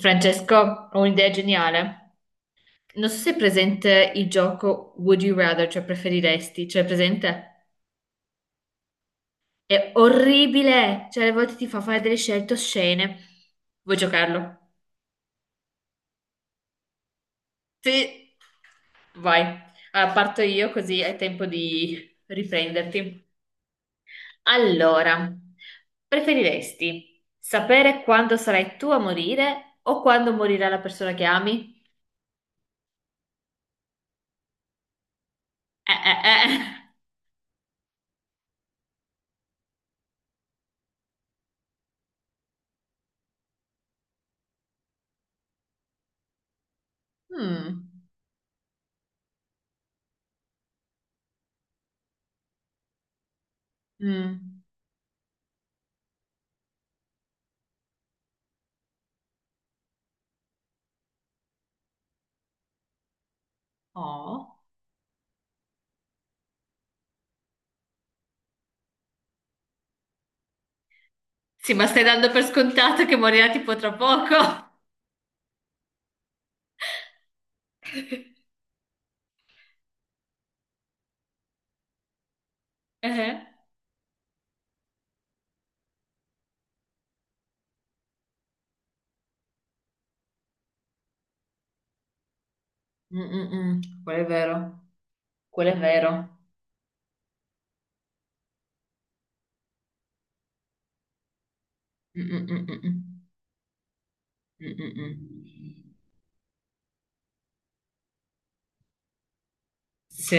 Francesco, ho un'idea geniale. Non so se è presente il gioco Would You Rather, cioè preferiresti, cioè è presente? È orribile, cioè alle volte ti fa fare delle scelte oscene. Vuoi giocarlo? Sì, vai. Allora, parto io così hai tempo di riprenderti. Allora, preferiresti sapere quando sarai tu a morire o quando morirà la persona che ami? Eh, eh, eh. Mm. Mm. Oh. Sì, ma stai dando per scontato che morirà tipo tra poco. Eh? Mm, mm, mm. Quello è vero. Quello è vero. Mm, mm, mm, mm, mm. Mm, mm, mm. Sì,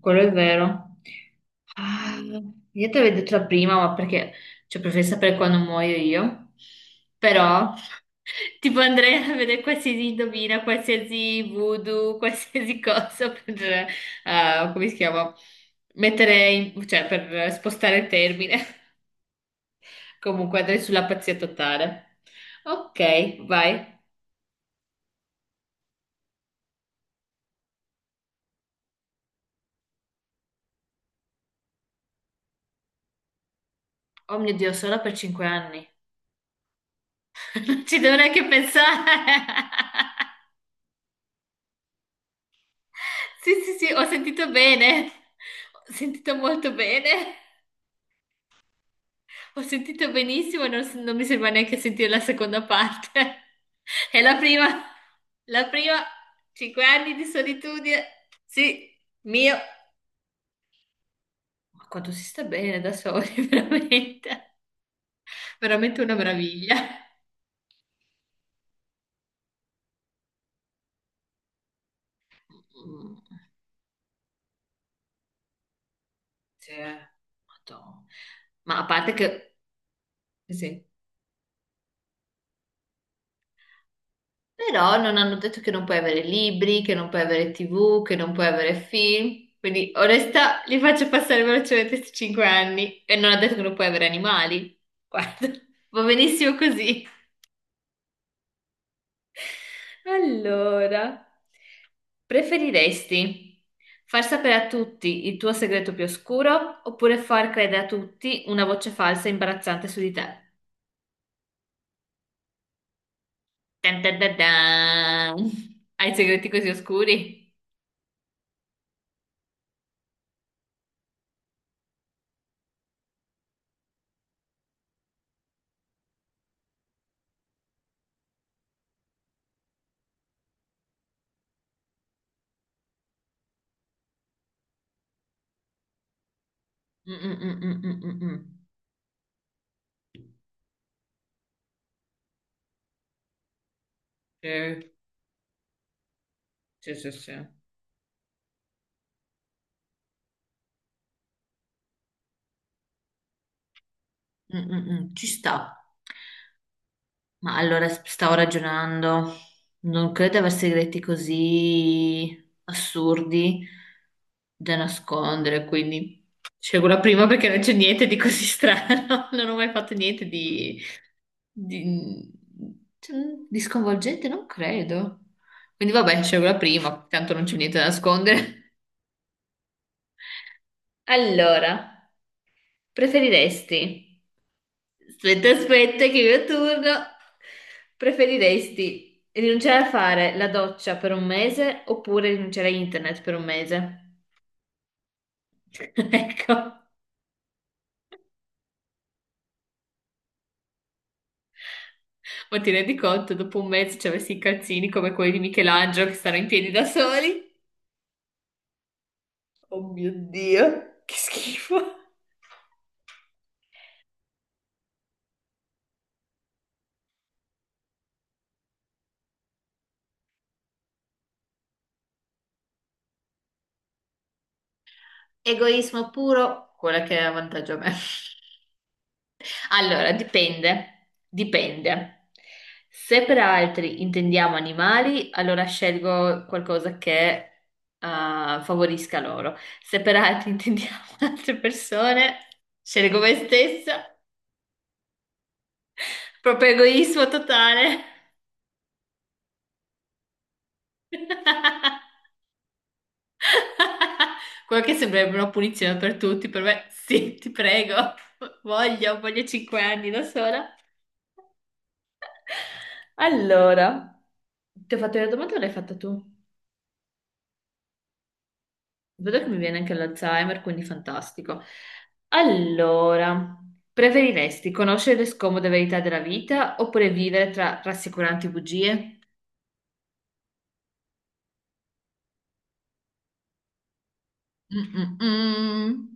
quello è vero. Ah, io te l'avevo detto la prima, ma perché cioè, preferisco sapere quando muoio io. Però, tipo, andrei a vedere qualsiasi indovina, qualsiasi voodoo, qualsiasi cosa per, come si chiama? Mettere, cioè, per spostare il termine. Comunque andrei sulla pazzia totale. Ok, vai. Oh mio Dio, solo per 5 anni. Non ci dovrei neanche pensare. sì, sì. Sì. Ho sentito bene. Ho sentito molto bene. Ho sentito benissimo, non mi sembra neanche sentire la seconda parte. E la prima, 5 anni di solitudine. Sì, mio. Ma quanto si sta bene da soli, veramente. Veramente una meraviglia. Sì, Madonna. Ma a parte che, sì. Però non hanno detto che non puoi avere libri, che non puoi avere TV, che non puoi avere film. Quindi, onesta, li faccio passare velocemente questi 5 anni e non ha detto che non puoi avere animali. Guarda, va benissimo così. Allora, preferiresti far sapere a tutti il tuo segreto più oscuro oppure far credere a tutti una voce falsa e imbarazzante su di te? Tan tan tan tan. Hai segreti così oscuri? Mm, mm, mm, mm, mm, mm, mm. Sì, sì, sì. Sì. Mm, mm, mm. Ci sta. Ma allora stavo ragionando. Non credo di aver segreti così assurdi da nascondere, quindi scelgo la prima perché non c'è niente di così strano. Non ho mai fatto niente di Di, cioè, di sconvolgente non credo. Quindi vabbè, scelgo la prima, tanto non c'è niente da nascondere. Allora, preferiresti? Aspetta, aspetta, che è il mio turno. Preferiresti rinunciare a fare la doccia per un mese oppure rinunciare a internet per un mese? Ecco, ma ti rendi conto, dopo un mese ci avessi i calzini come quelli di Michelangelo che stanno in piedi da soli? Oh mio Dio, che schifo. Egoismo puro, quella che è vantaggio a me. Allora, dipende, dipende. Se per altri intendiamo animali, allora scelgo qualcosa che favorisca loro. Se per altri intendiamo altre persone, scelgo me stessa. Proprio egoismo totale. Quello che sembrerebbe una punizione per tutti, per me sì, ti prego, voglio, voglio 5 anni da sola. Allora, ti ho fatto la domanda o l'hai fatta tu? Vedo che mi viene anche l'Alzheimer, quindi fantastico. Allora, preferiresti conoscere le scomode verità della vita oppure vivere tra rassicuranti bugie? Mm-mm-mm,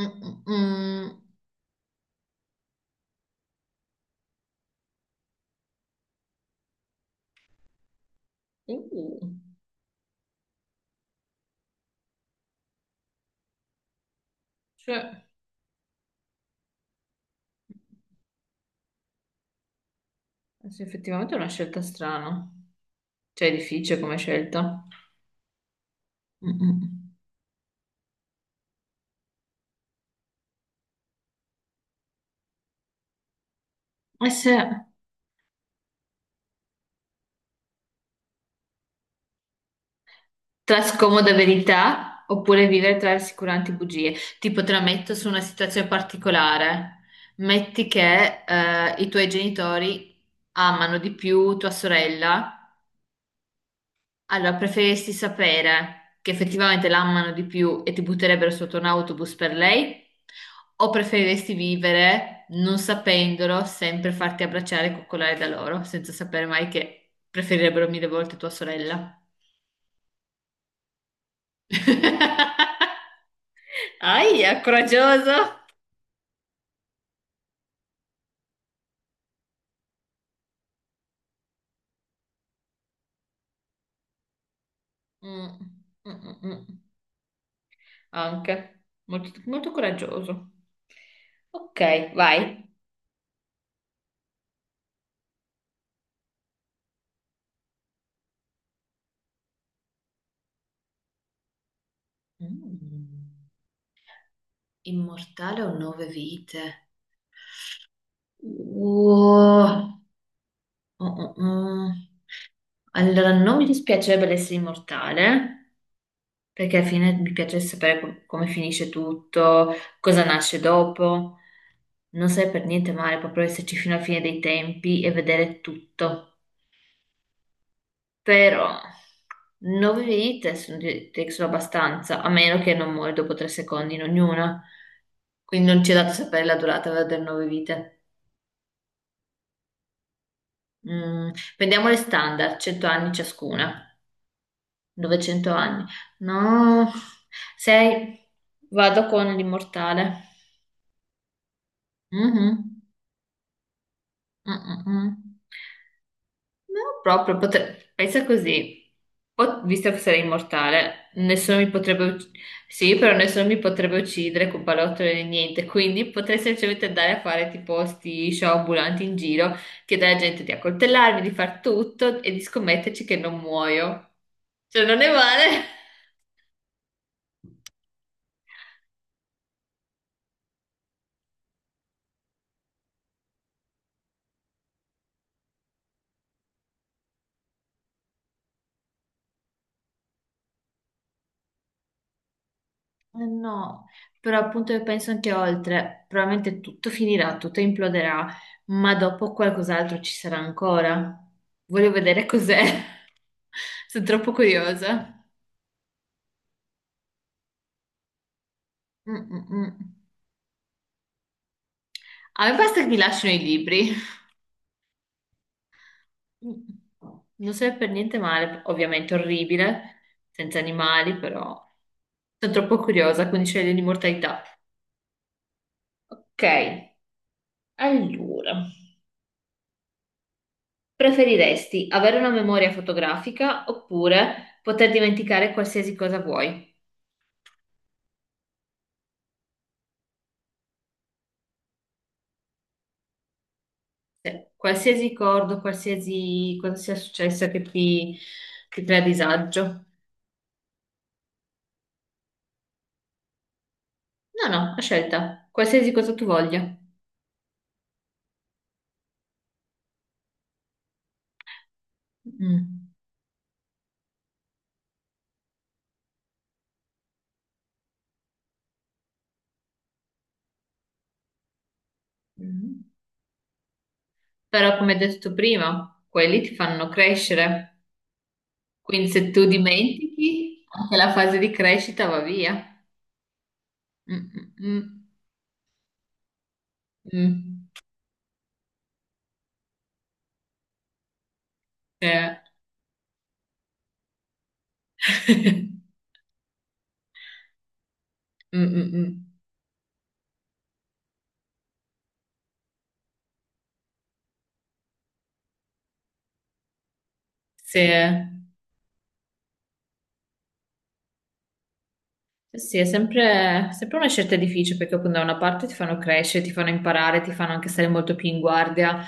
mm-mm-mm. Uh, cioè, adesso effettivamente è una scelta strana. Cioè, è difficile come scelta. Mm-mm. Essere tra scomode verità oppure vivere tra rassicuranti bugie. Tipo, te la metto su una situazione particolare. Metti che i tuoi genitori amano di più tua sorella. Allora, preferiresti sapere che effettivamente l'amano di più e ti butterebbero sotto un autobus per lei? O preferiresti vivere non sapendolo, sempre farti abbracciare e coccolare da loro, senza sapere mai che preferirebbero mille volte tua sorella? Aia, coraggioso! Mm, mm, mm, mm. Anche, molto, molto coraggioso. Ok, vai. Mm. Immortale o nove vite? Uh, uh, uh, uh. Allora, non mi dispiacerebbe essere immortale, perché alla fine mi piace sapere come finisce tutto, cosa nasce dopo. Non sarebbe per niente male proprio esserci fino alla fine dei tempi e vedere tutto. Però, nove vite sono, sono abbastanza, a meno che non muori dopo 3 secondi in ognuna. Quindi non ci è dato sapere la durata delle nove vite. Mm, prendiamo le standard, 100 anni ciascuna. 900 anni. No, 6. Vado con l'immortale. Mhm. Mm, mm, mm. No, proprio, pensa così. Visto che sarei immortale, nessuno mi potrebbe Sì, però nessuno mi potrebbe uccidere con pallottole né niente, quindi potrei semplicemente andare a fare tipo sti show ambulanti in giro, chiedere alla gente di accoltellarmi, di far tutto e di scommetterci che non muoio. Cioè, non è male. Eh no, però appunto io penso anche oltre, probabilmente tutto finirà, tutto imploderà, ma dopo qualcos'altro ci sarà ancora. Voglio vedere cos'è. Sono troppo curiosa. Mm, mm, mm. A me basta che mi lasciano i libri. Mm. Non serve per niente male, ovviamente orribile, senza animali, però sono troppo curiosa, quindi sceglio l'immortalità. Ok, allora. Preferiresti avere una memoria fotografica oppure poter dimenticare qualsiasi cosa vuoi? Cioè, qualsiasi ricordo, qualsiasi cosa sia successo che ti crea disagio. No, no, a scelta, qualsiasi cosa tu voglia. Mm. Mm. Però, come detto prima, quelli ti fanno crescere. Quindi se tu dimentichi, anche la fase di crescita va via. Mm, mm, mm, mm. Cioè, mm, mm, mm. Sì. Eh sì, è sempre, sempre una scelta difficile perché appunto da una parte ti fanno crescere, ti fanno imparare, ti fanno anche stare molto più in guardia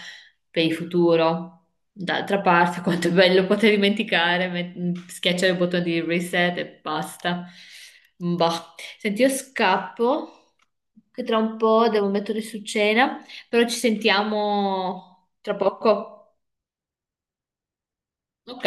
per il futuro. D'altra parte, quanto è bello poter dimenticare, schiacciare il bottone di reset e basta. Boh. Senti, io scappo, che tra un po' devo mettere su cena, però ci sentiamo tra poco. Ok.